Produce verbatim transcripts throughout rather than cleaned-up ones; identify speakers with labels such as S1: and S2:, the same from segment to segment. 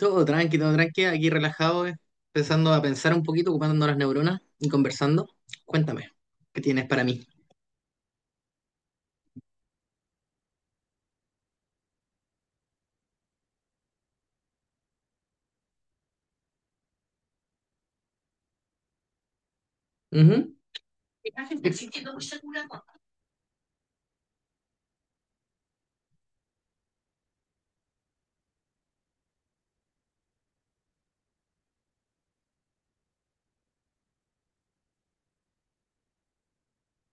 S1: Todo tranqui, todo tranqui, aquí relajado, eh, empezando a pensar un poquito, ocupando las neuronas y conversando. Cuéntame, ¿qué tienes para mí? Ujú.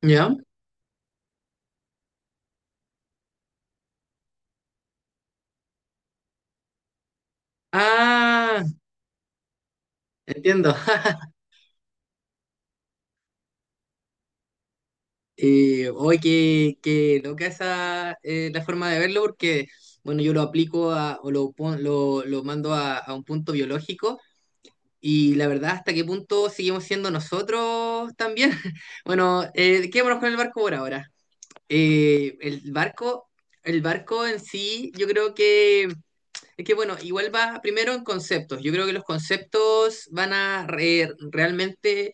S1: ¿Ya? Ah, entiendo. Eh, oye, qué, qué loca esa eh, la forma de verlo, porque, bueno, yo lo aplico a, o lo, pon- lo, lo mando a, a un punto biológico, y la verdad, ¿hasta qué punto seguimos siendo nosotros también? Bueno, eh, quedémonos con el barco por ahora. Eh, el barco, el barco en sí, yo creo que es que bueno, igual va primero en conceptos. Yo creo que los conceptos van a re- realmente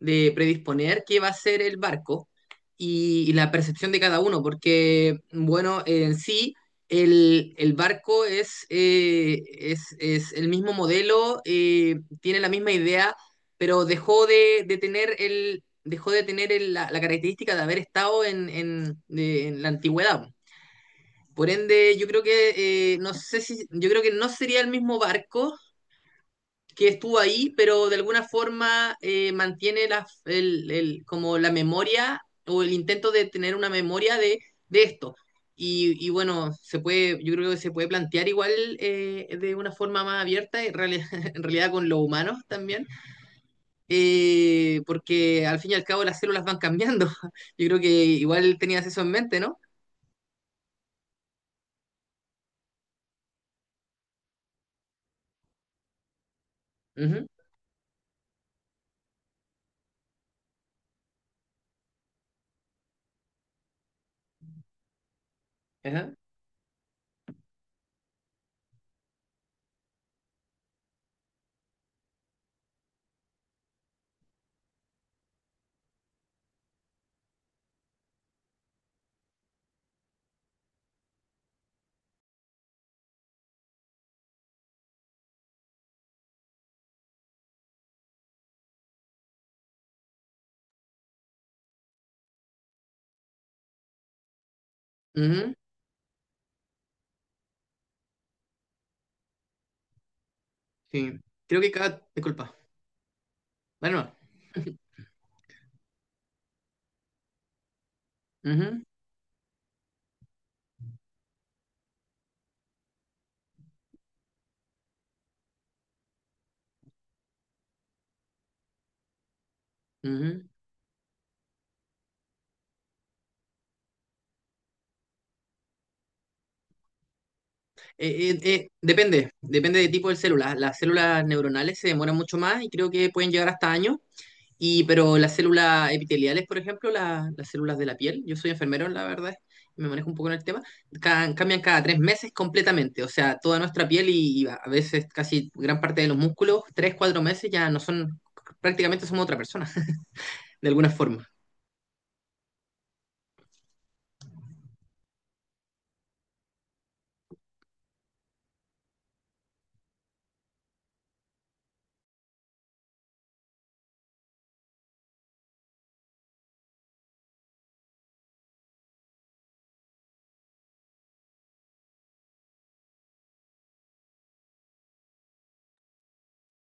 S1: de predisponer qué va a ser el barco y, y la percepción de cada uno, porque, bueno, en sí, el, el barco es, eh, es, es el mismo modelo, eh, tiene la misma idea, pero dejó de, de tener el dejó de tener el- la, la característica de haber estado en, en- de- en la antigüedad. Por ende, yo creo que eh, no sé si, yo creo que no sería el mismo barco que estuvo ahí, pero de alguna forma eh, mantiene la, el, el- como la memoria o el intento de tener una memoria de, de esto. Y, y bueno, se puede, yo creo que se puede plantear igual eh, de una forma más abierta, en reali- en realidad con los humanos también, eh, porque al fin y al cabo las células van cambiando. Yo creo que igual tenías eso en mente, ¿no? Ujú, ajá, ujú, sí. Creo que cada... Disculpa. Bueno, ujú, ujú. Eh, eh, eh, depende, depende del tipo de célula. Las células neuronales se demoran mucho más y creo que pueden llegar hasta años. Y, pero las células epiteliales, por ejemplo, la- las células de la piel, yo soy enfermero, la verdad, me manejo un poco en el tema, ca- cambian cada tres meses completamente. O sea, toda nuestra piel y, y a veces casi gran parte de los músculos, tres, cuatro meses ya no son, prácticamente somos otra persona, de alguna forma.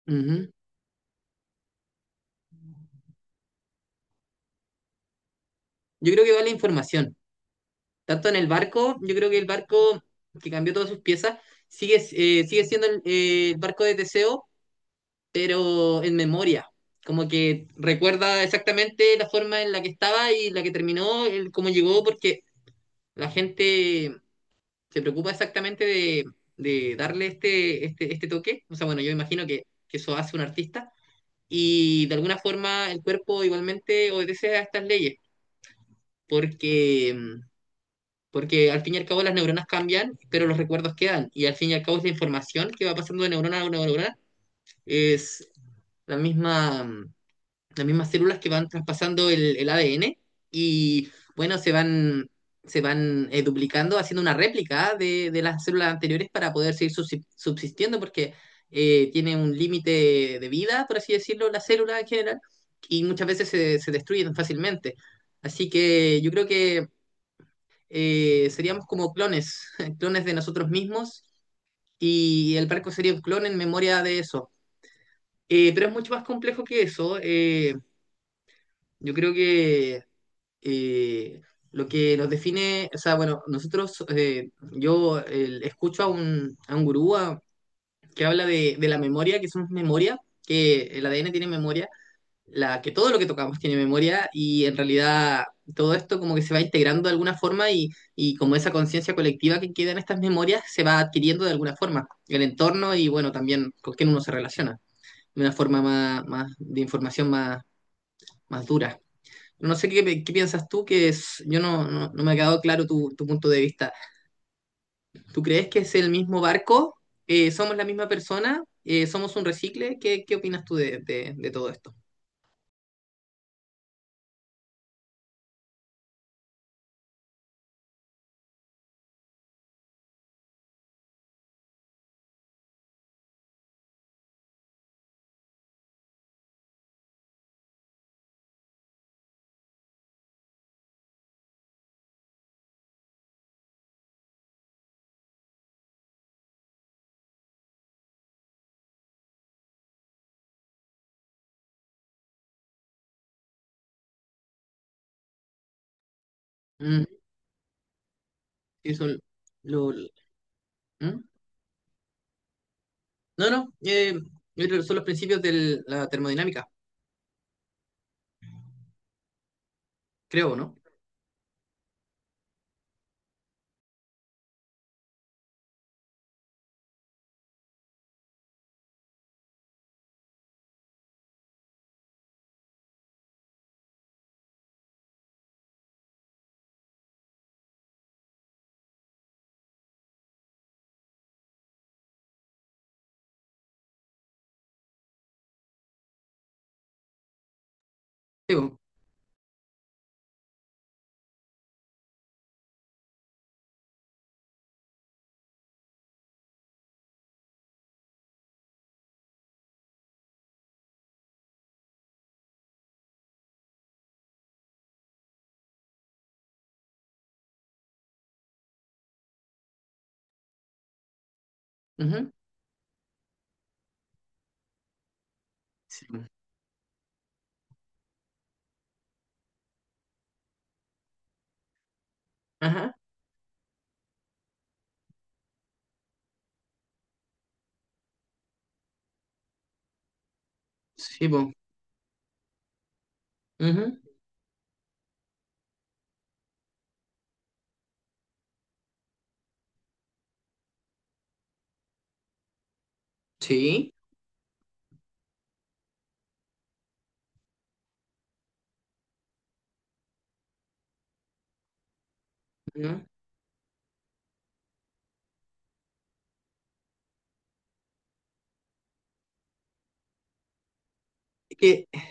S1: Ujú. Yo creo que vale información. Tanto en el barco, yo creo que el barco que cambió todas sus piezas sigue, eh, sigue siendo el, eh, el barco de Teseo, pero en memoria. Como que recuerda exactamente la forma en la que estaba y la que terminó, el, cómo llegó, porque la gente se preocupa exactamente de, de darle este, este, este toque. O sea, bueno, yo imagino que, que eso hace un artista. Y de alguna forma el cuerpo igualmente obedece a estas leyes, porque porque al fin y al cabo las neuronas cambian, pero los recuerdos quedan. Y al fin y al cabo es la información que va pasando de neurona a neurona. Es la misma, las mismas células que van traspasando el, el A D N y bueno, se van, se van eh, duplicando, haciendo una réplica de, de las células anteriores para poder seguir subsi- subsistiendo, porque eh, tiene un límite de vida, por así decirlo, la célula en general, y muchas veces se, se destruyen fácilmente. Así que yo creo que eh, seríamos como clones, clones de nosotros mismos y el barco sería un clon en memoria de eso. Eh, pero es mucho más complejo que eso. Eh, yo creo que eh, lo que nos define, o sea, bueno, nosotros, eh, yo eh, escucho a un, a un gurú a- que habla de, de la memoria, que somos memoria, que el A D N tiene memoria. La, que todo lo que tocamos tiene memoria y en realidad todo esto como que se va integrando de alguna forma y, y como esa conciencia colectiva que queda en estas memorias se va adquiriendo de alguna forma. El entorno y bueno, también con quién uno se relaciona, de una forma más, más de información más, más dura. No sé qué, pi- qué piensas tú, que es, yo no, no, no me ha quedado claro tu, tu punto de vista. ¿Tú crees que es el mismo barco? Eh, ¿somos la misma persona? Eh, ¿somos un recicle? ¿Qué, qué opinas tú de, de, de todo esto? Mm, eso lo- lo- ¿Mm? No, no, eh, Yo creo que son los principios de la termodinámica, creo, ¿no? Sí, po. Ujú. Sí, ajá. Sí, po. Ujú. Sí. Ujú. Es Que, es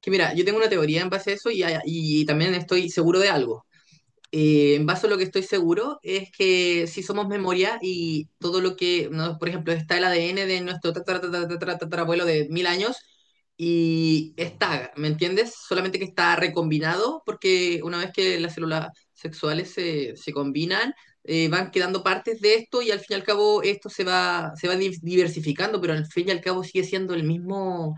S1: que mira, yo tengo una teoría en base a eso y, y también estoy seguro de algo. Eh, en base a lo que estoy seguro es que si somos memoria y todo lo que, ¿no? Por ejemplo, está el A D N de nuestro tatara- tatara- tatara- tatarabuelo de mil años y está, ¿me entiendes? Solamente que está recombinado porque una vez que las células sexuales se, se combinan, eh, van quedando partes de esto y al fin y al cabo esto se va, se va di- diversificando, pero al fin y al cabo sigue siendo el mismo,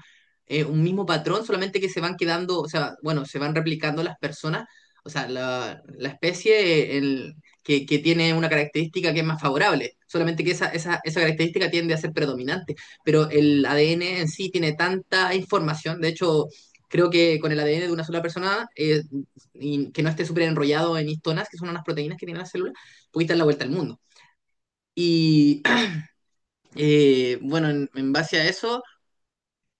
S1: eh, un mismo patrón, solamente que se van quedando, o sea, bueno, se van replicando las personas, o sea, la, la especie el- que, que tiene una característica que es más favorable, solamente que esa, esa, esa característica tiende a ser predominante, pero el A D N en sí tiene tanta información, de hecho, creo que con el A D N de una sola persona, eh, y que no esté súper enrollado en histonas, que son unas proteínas que tienen las células, pudiste dar la vuelta al mundo. Y eh, bueno, en en base a eso...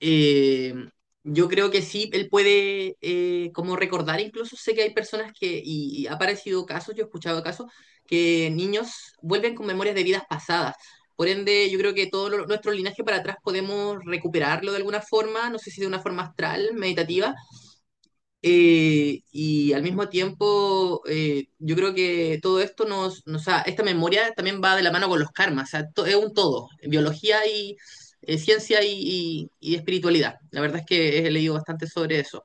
S1: Eh, yo creo que sí, él puede eh, como recordar, incluso sé que hay personas que, y, y ha aparecido casos, yo he escuchado casos, que niños vuelven con memorias de vidas pasadas. Por ende, yo creo que todo lo- nuestro linaje para atrás podemos recuperarlo de alguna forma, no sé si de una forma astral, meditativa, eh, y al mismo tiempo, eh, yo creo que todo esto nos, nos- o sea, esta memoria también va de la mano con los karmas, o sea, to- es un todo, biología y eh, ciencia y, y- y espiritualidad. La verdad es que he leído bastante sobre eso.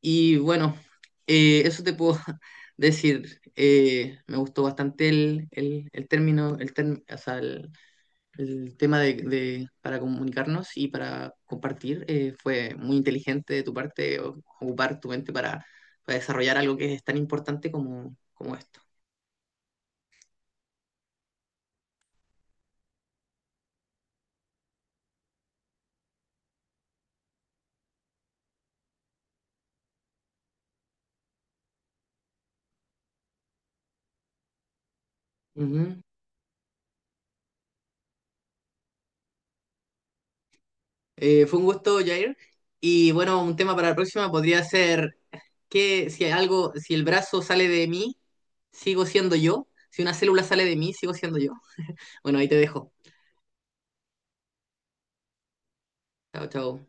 S1: Y bueno, eh, eso te puedo decir. Eh, me gustó bastante el, el- el término, el, term- o sea, el- el tema de, de- para comunicarnos y para compartir eh, fue muy inteligente de tu parte o- ocupar tu mente para, para desarrollar algo que es tan importante como, como esto. Ujú. Eh, fue un gusto, Jair. Y bueno, un tema para la próxima podría ser que si algo, si el brazo sale de mí, sigo siendo yo. Si una célula sale de mí, sigo siendo yo. Bueno, ahí te dejo. Chao, chao.